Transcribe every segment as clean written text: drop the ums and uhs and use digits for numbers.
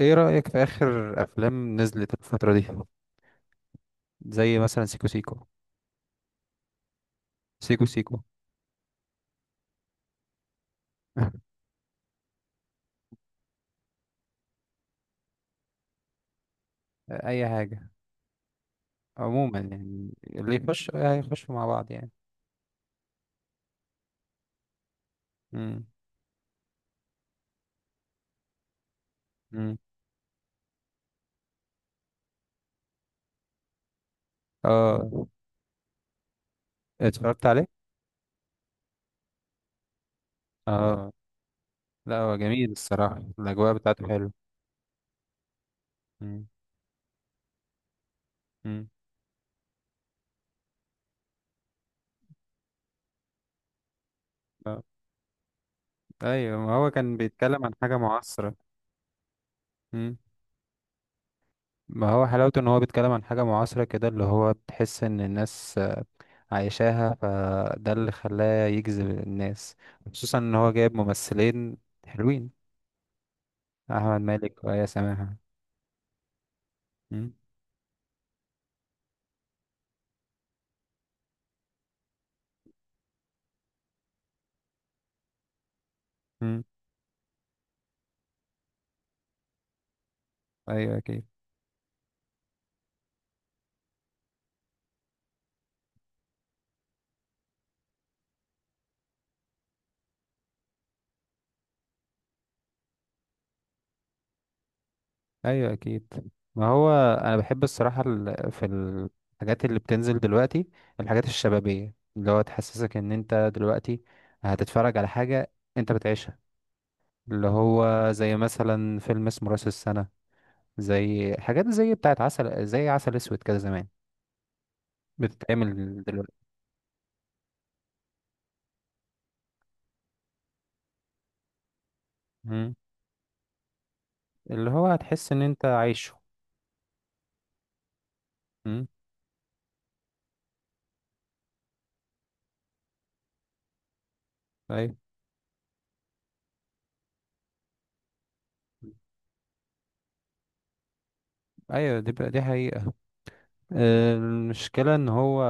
ايه رأيك في آخر أفلام نزلت الفترة دي؟ زي مثلا سيكو سيكو. سيكو سيكو. أي حاجة. عموما يعني اللي يخش هيخشوا مع بعض يعني. امم امم اه. اتفرجت عليه. اه. لا، هو جميل الصراحة. الأجواء بتاعته حلوة. امم امم آه. أيوة. ما هو كان بيتكلم عن حاجة معاصرة. امم ما هو حلاوته إن هو بيتكلم عن حاجة معاصرة كده، اللي هو بتحس إن الناس عايشاها، فده اللي خلاه يجذب الناس، خصوصا ان هو جايب ممثلين حلوين: احمد مالك وآية سماحة. مم. مم. ايوه اكيد. ايوه اكيد. ما هو انا بحب الصراحة في الحاجات اللي بتنزل دلوقتي. الحاجات الشبابية اللي هو تحسسك ان انت دلوقتي هتتفرج على حاجة انت بتعيشها، اللي هو زي مثلا فيلم اسمه راس السنة. زي حاجات زي بتاعت عسل، زي عسل اسود كده زمان، بتتعمل دلوقتي، اللي هو هتحس ان انت عايشه. امم ايوه. ايوه دي بقى دي حقيقة. المشكلة ان هو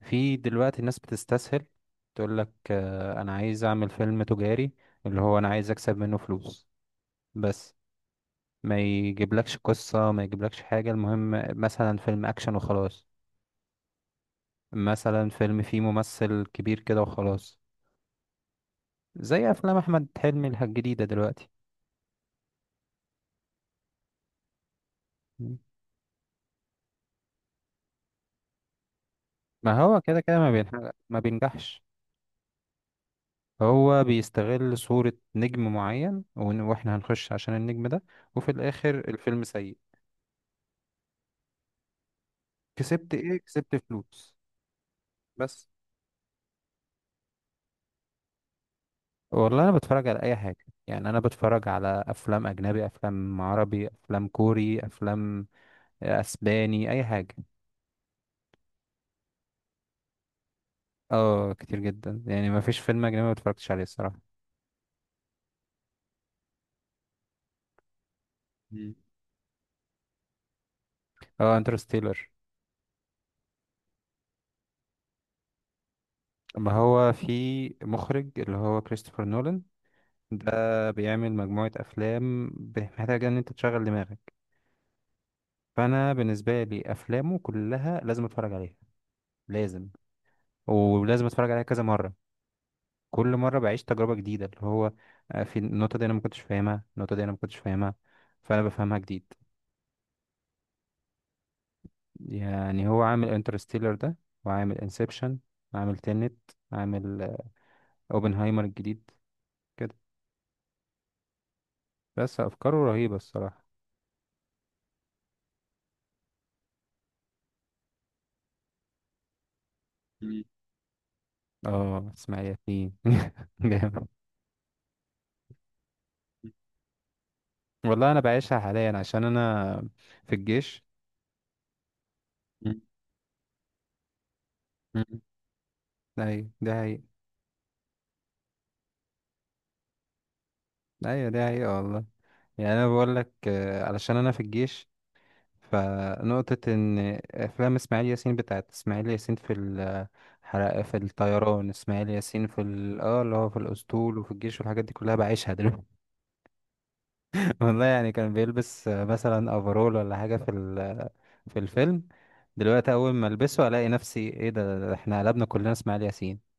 في دلوقتي الناس بتستسهل تقول لك: انا عايز اعمل فيلم تجاري، اللي هو انا عايز اكسب منه فلوس بس. ما يجيبلكش قصة، ما يجيبلكش حاجة، المهم مثلا فيلم اكشن وخلاص، مثلا فيلم فيه ممثل كبير كده وخلاص، زي افلام احمد حلمي الجديدة دلوقتي. مم. ما هو كده كده ما بينحقق، ما بينجحش. هو بيستغل صورة نجم معين، واحنا هنخش عشان النجم ده. وفي الاخر الفيلم سيء. كسبت ايه؟ كسبت فلوس بس. والله انا بتفرج على اي حاجة. يعني انا بتفرج على افلام اجنبي، افلام عربي، افلام كوري، افلام اسباني، اي حاجة. اه، كتير جدا. يعني ما فيش فيلم اجنبي ما اتفرجتش عليه الصراحة. مم. اه، انترستيلر. ما هو في مخرج اللي هو كريستوفر نولان. ده بيعمل مجموعة أفلام محتاجة إن أنت تشغل دماغك. فانا بالنسبه لي افلامه كلها لازم اتفرج عليها، لازم. ولازم اتفرج عليها كذا مره. كل مره بعيش تجربه جديده، اللي هو في النقطه دي انا ما كنتش فاهمها، النقطه دي انا ما كنتش فاهمها، فانا بفهمها جديد. يعني هو عامل انترستيلر ده، وعامل انسبشن، عامل تينت، عامل اوبنهايمر الجديد كده. بس افكاره رهيبه الصراحه. مم. اه، اسماعيل ياسين. جامد. والله انا بعيشها حاليا عشان انا في الجيش. مم. مم. ايوه ده. ايوه دي حقيقة والله. يعني انا بقول لك، علشان انا في الجيش، فنقطة ان افلام اسماعيل ياسين، بتاعت اسماعيل ياسين في الحرق، في الطيران، اسماعيل ياسين في اللي هو في الاسطول وفي الجيش والحاجات دي كلها بعيشها دلوقتي. والله يعني كان بيلبس مثلا افرول ولا حاجة في الفيلم. دلوقتي اول ما البسه الاقي نفسي: ايه ده؟ ده احنا قلبنا كلنا اسماعيل ياسين.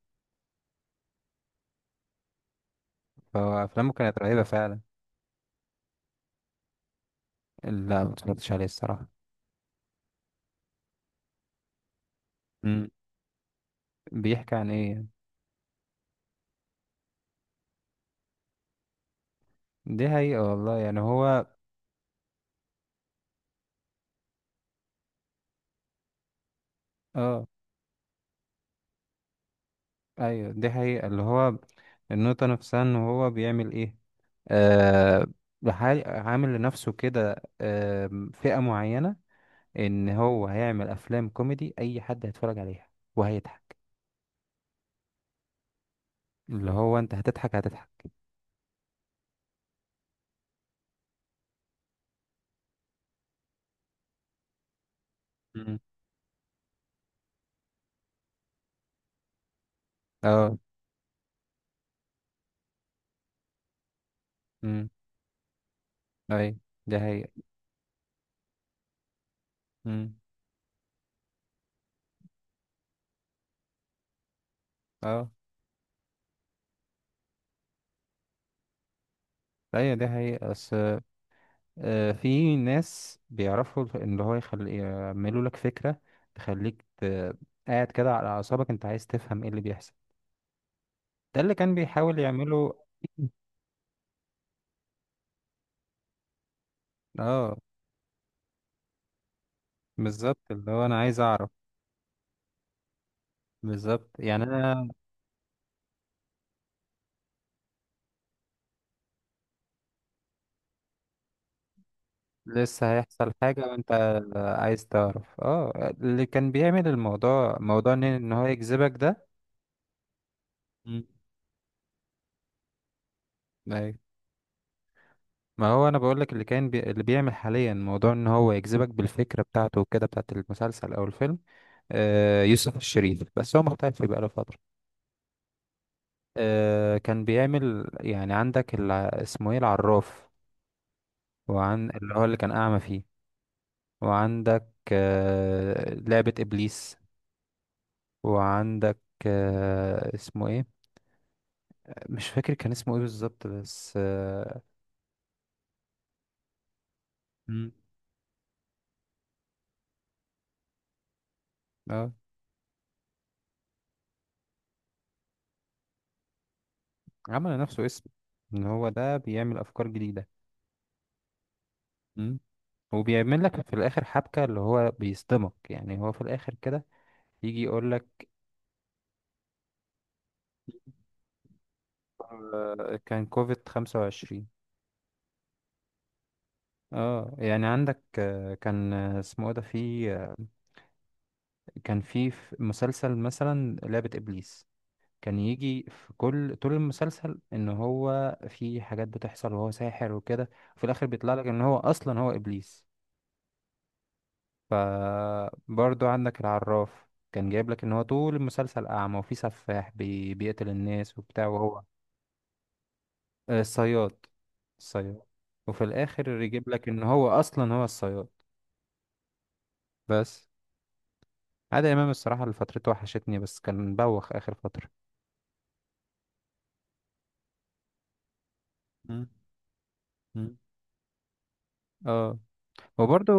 فافلامه كانت رهيبة فعلا. لا، ما اتفرجتش عليه الصراحة. مم. بيحكي عن ايه؟ دي حقيقة والله. يعني هو، اه، ايوه دي حقيقة. اللي هو النقطة نفسها ان هو بيعمل ايه، آه عامل لنفسه كده، آه، فئة معينة، ان هو هيعمل افلام كوميدي اي حد هيتفرج عليها وهيضحك. اللي هو انت هتضحك هتضحك. مم. اه. امم اي، دي حقيقة. مم. اه، ايوه دي حقيقة بس. في ناس بيعرفوا اللي هو يعملوا لك فكرة تخليك قاعد كده على أعصابك، أنت عايز تفهم إيه اللي بيحصل. ده اللي كان بيحاول يعمله. اه بالظبط، اللي هو أنا عايز أعرف بالظبط. يعني أنا، لسه هيحصل حاجة وأنت عايز تعرف اه اللي كان بيعمل الموضوع، موضوع إن هو يجذبك ده. مم. أيوة، ما هو أنا بقولك، اللي كان اللي بيعمل حاليا، موضوع إن هو يجذبك بالفكرة بتاعته وكده بتاعت المسلسل أو الفيلم. يوسف الشريف. بس هو مختفي بقاله فترة. كان بيعمل يعني عندك اسمه ايه، العراف، وعن اللي هو اللي كان أعمى فيه، وعندك لعبة إبليس، وعندك اسمه ايه؟ مش فاكر كان اسمه ايه بالظبط بس اه. مم، آه، عمل لنفسه اسم، ان هو ده بيعمل أفكار جديدة. مم. وبيعمل لك في الآخر حبكة، اللي هو بيصدمك يعني هو في الآخر كده، يجي يقول لك. كان كوفيد 25. اه. يعني عندك كان اسمه ايه ده، في كان في مسلسل مثلا لعبة ابليس. كان يجي في كل طول المسلسل ان هو في حاجات بتحصل وهو ساحر وكده، وفي الاخر بيطلع لك ان هو اصلا هو ابليس. فبرضو عندك العراف كان جايب لك ان هو طول المسلسل اعمى، وفي سفاح بيقتل الناس وبتاع، وهو الصياد. الصياد. وفي الاخر يجيب لك ان هو اصلا هو الصياد. بس عادل امام الصراحه اللي فترته وحشتني، بس كان بوخ اخر فتره. مم. مم. اه. وبرضو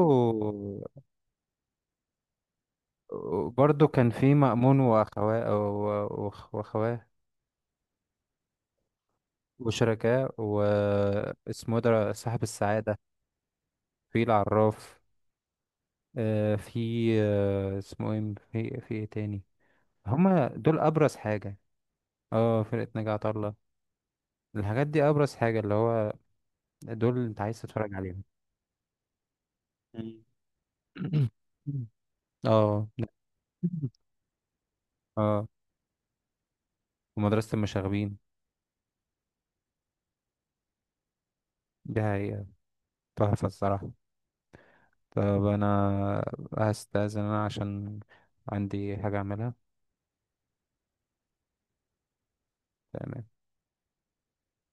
كان في مأمون وأخواه وأخواه، وشركاه، واسمه ده صاحب السعادة، في العراف، في اسمه ايه، في ايه تاني. هما دول أبرز حاجة. اه، فرقة ناجي عطا الله. الحاجات دي أبرز حاجة اللي هو دول أنت عايز تتفرج عليهم. مم. اه. اه، ومدرسة المشاغبين. دي حقيقة تحفة الصراحة. طب أنا هستأذن، أنا عشان عندي حاجة أعملها. تمام.